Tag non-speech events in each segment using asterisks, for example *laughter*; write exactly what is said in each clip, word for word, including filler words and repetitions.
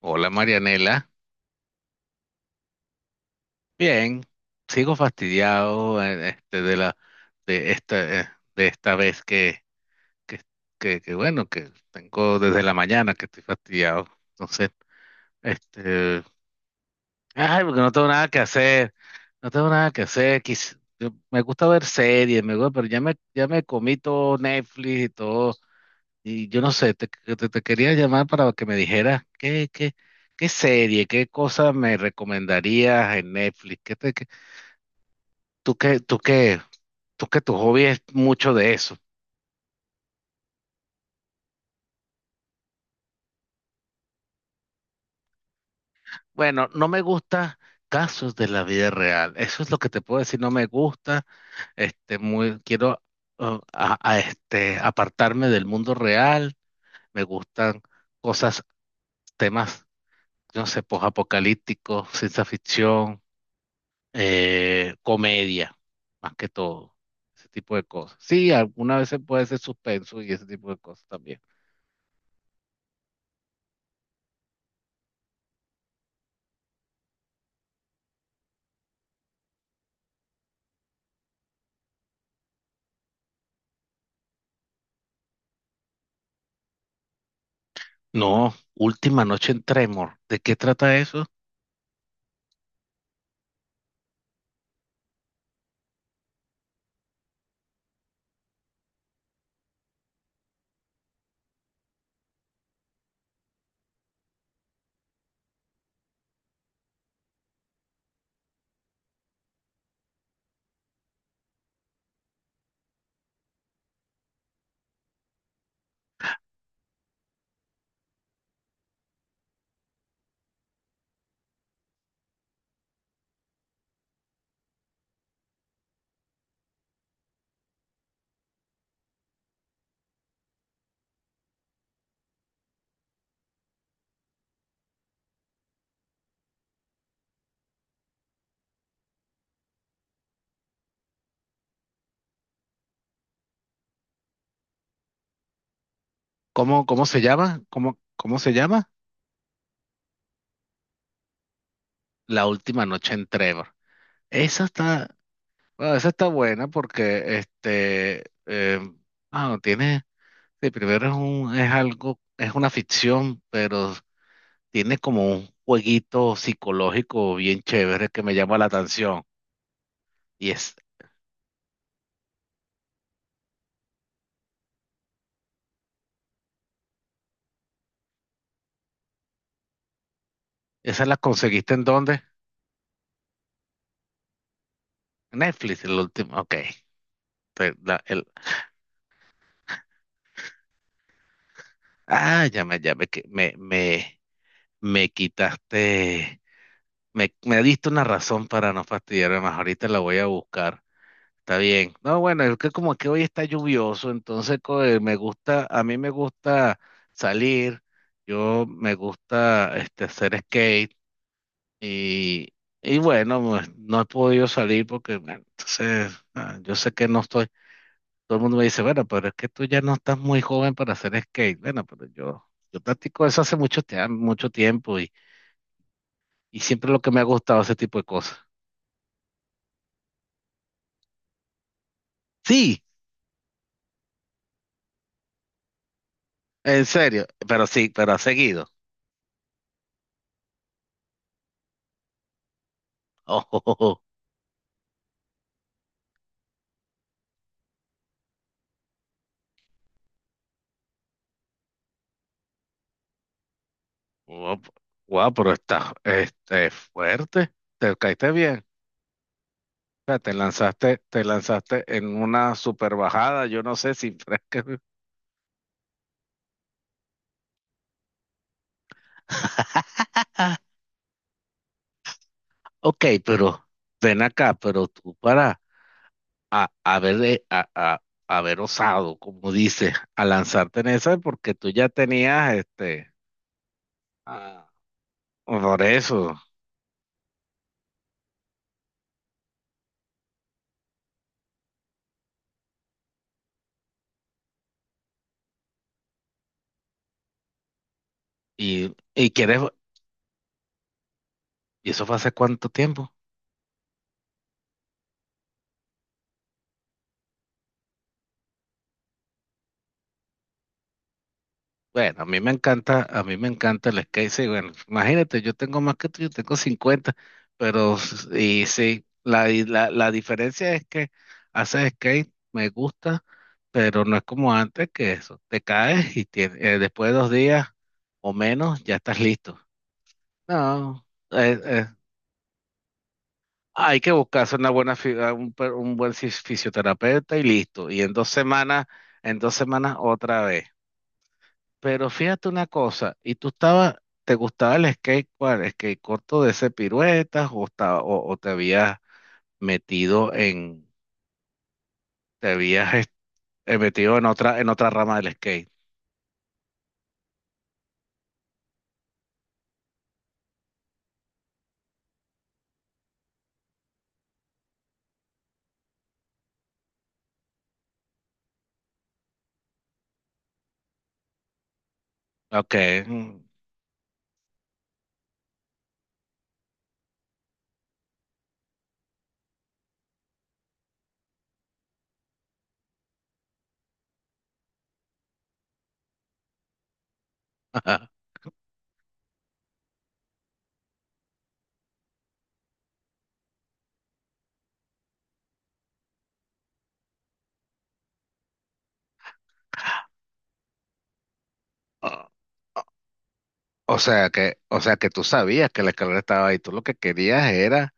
Hola Marianela, bien, sigo fastidiado eh, este, de la de esta eh, de esta vez que, que, que, que, bueno que tengo desde la mañana que estoy fastidiado, entonces este ay, porque no tengo nada que hacer, no tengo nada que hacer, quis- yo- me gusta ver series, me gusta, pero ya me ya me comí todo Netflix y todo. Y yo no sé, te, te, te quería llamar para que me dijeras qué qué qué serie, qué cosa me recomendarías en Netflix, qué te... Tú que, tú que, tú que tu hobby es mucho de eso. Bueno, no me gusta casos de la vida real. Eso es lo que te puedo decir. No me gusta. Este, muy, quiero uh, a- a este, apartarme del mundo real. Me gustan cosas, temas, no sé, posapocalípticos, ciencia ficción, eh, comedia, más que todo. Ese tipo de cosas. Sí, algunas veces puede ser suspenso y ese tipo de cosas también. No, Última Noche en Tremor. ¿De qué trata eso? ¿Cómo, cómo se llama? ¿Cómo, cómo se llama? La Última Noche en Tremor. Esa está, bueno, esa está buena porque este, eh, ah, no, tiene, sí, primero es un, es algo, es una ficción, pero tiene como un jueguito psicológico bien chévere que me llama la atención. Y es... ¿esa la conseguiste en dónde? Netflix, el último, ok. Te- la- el- ah, ya me, ya me, que- me, me- me quitaste, me, me diste una razón para no fastidiarme más. Ahorita la voy a buscar. Está bien. No, bueno, es que como que hoy está lluvioso, entonces co- eh, me gusta, a mí me gusta salir, yo me gusta este, hacer skate y, y bueno, pues, no he podido salir porque, bueno, entonces, ah, yo sé que no estoy, todo el mundo me dice, bueno, pero es que tú ya no estás muy joven para hacer skate. Bueno, pero yo, yo practico eso hace mucho, tia- mucho tiempo. Y siempre lo que me ha gustado ese tipo de cosas. Sí, en serio, pero sí, pero ha seguido. *laughs* Oh, wow, pero está este, fuerte. Te caíste bien. O sea, te lanzaste, te lanzaste en una super bajada. Yo no sé si. fue que- *laughs* Ok, pero ven acá, pero tú para haber, eh, a- a- haber osado, como dices, a lanzarte en esa, porque tú ya tenías este. Ah. Por eso. Y, y quieres, ¿y eso fue hace cuánto tiempo? Bueno, a mí me encanta, a mí me encanta el skate. Sí, bueno, imagínate, yo tengo más que tú, yo tengo cincuenta, pero s- y sí, la, y la, la diferencia es que hacer skate me gusta, pero no es como antes que eso. Te caes y tien- eh, después de dos días o menos ya estás listo. No, eh, eh, hay que buscarse una buena, fi- a un, per- un buen fis- fisioterapeuta y listo. Y en dos semanas, en dos semanas otra vez. Pero fíjate una cosa, ¿y tú estabas, te gustaba el skate, cuál, skate corto de ese piruetas o, estaba- o, o te habías metido en, te habías es- eh, metido en otra, en otra rama del skate? Ok. Mm, ajá. O o sea que, o sea que tú sabías que la escalera estaba ahí, tú lo que querías era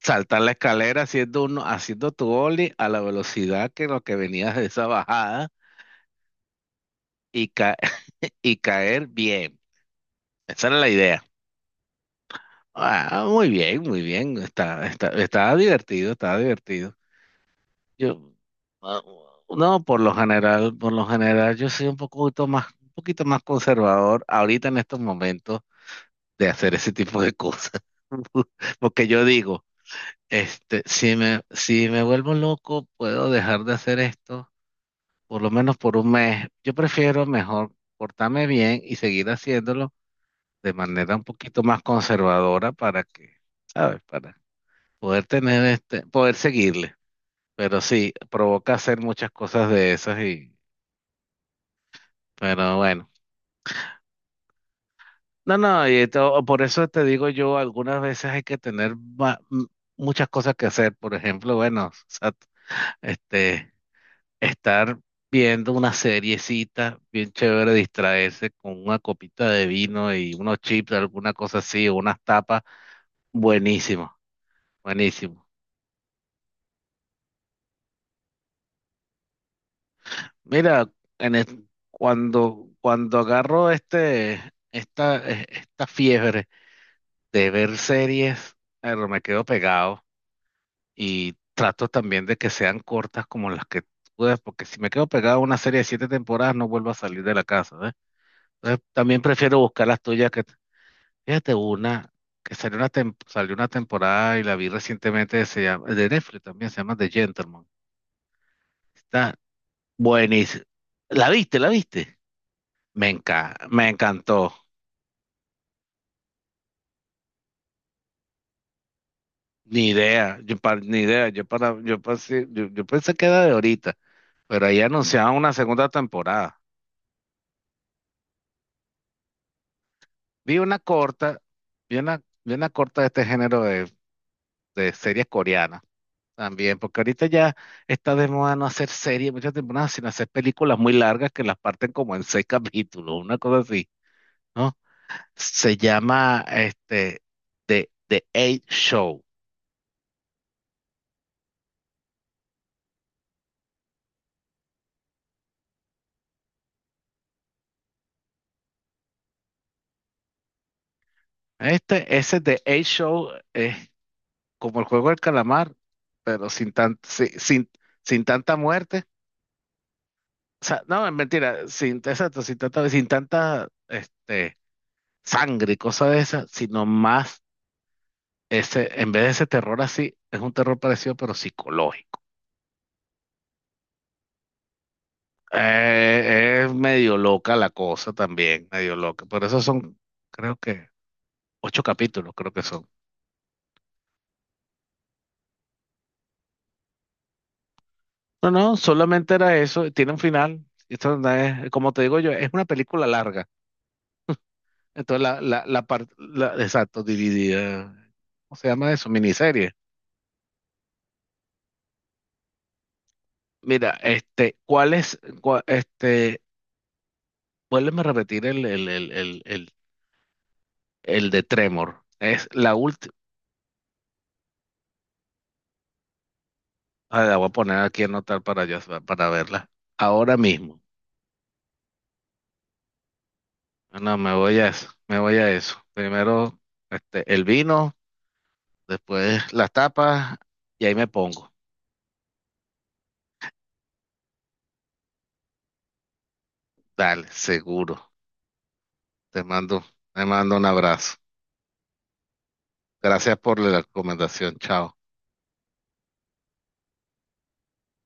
saltar la escalera haciendo uno, haciendo tu ollie a la velocidad que lo que venías de esa bajada y ca- *laughs* y caer bien. Esa era la idea. Ah, muy bien, muy bien. Está, está, está divertido, está divertido. Yo, ah, no, por lo general, por lo general, yo soy un poquito más, un poquito más conservador ahorita en estos momentos de hacer ese tipo de cosas. *laughs* Porque yo digo, este, si me, si me vuelvo loco, puedo dejar de hacer esto, por lo menos por un mes. Yo prefiero mejor portarme bien y seguir haciéndolo de manera un poquito más conservadora para que, ¿sabes? Para poder tener este, poder seguirle. Pero sí, provoca hacer muchas cosas de esas y, pero bueno. No, no, y esto- por eso te digo yo, algunas veces hay que tener va- m- muchas cosas que hacer. Por ejemplo, bueno, o sea, este, estar viendo una seriecita bien chévere, distraerse con una copita de vino y unos chips, alguna cosa así, o unas tapas, buenísimo, buenísimo. Mira, en es- cuando, cuando agarro este, esta, eh, esta fiebre de ver series, pero me quedo pegado y trato también de que sean cortas como las que tú ves, porque si me quedo pegado a una serie de siete temporadas no vuelvo a salir de la casa, ¿ves? Entonces, también prefiero buscar las tuyas que, fíjate, una que salió una, tem- salió una temporada y la vi recientemente, se llama, de Netflix también, se llama The Gentleman. Está buenísima. ¿La viste? ¿La viste? Me enca- me encantó. Ni idea, yo pa- ni idea. Yo para, yo pasé, yo, yo pensé que era de ahorita, pero ahí anunciaban una segunda temporada. Vi una corta, vi una, vi una corta de este género de, de series coreanas también, porque ahorita ya está de moda no hacer series muchas temporadas, sino hacer películas muy largas que las parten como en seis *laughs* capítulos, una cosa así, ¿no? Se llama este The, The Eight Show. Este, ese The Eight Show, como el juego del calamar, pero sin tan, si- sin, sin tanta muerte. O sea, no, es mentira, sin, exacto, sin tanta, sin tanta este, sangre y cosas de esas, sino más ese, en vez de ese terror así, es un terror parecido, pero psicológico. Eh, es medio loca la cosa también, medio loca. Por eso son, creo que, ocho capítulos, creo que son. No, no, solamente era eso, tiene un final. Esto no es- como te digo yo, es una película larga. Entonces, la, la, la parte, exacto, dividida, ¿cómo se llama eso? Miniserie. Mira, este, ¿cuál es, cua- este, vuélveme a repetir el, el, el, el, el, el de Tremor? Es la última, la voy a poner aquí a anotar para, yo para verla, ahora mismo. Ah, no, me voy a eso, me voy a eso. Primero, este, el vino, después las tapas, y ahí me pongo. Dale, seguro. Te mando, te mando un abrazo. Gracias por la recomendación, chao.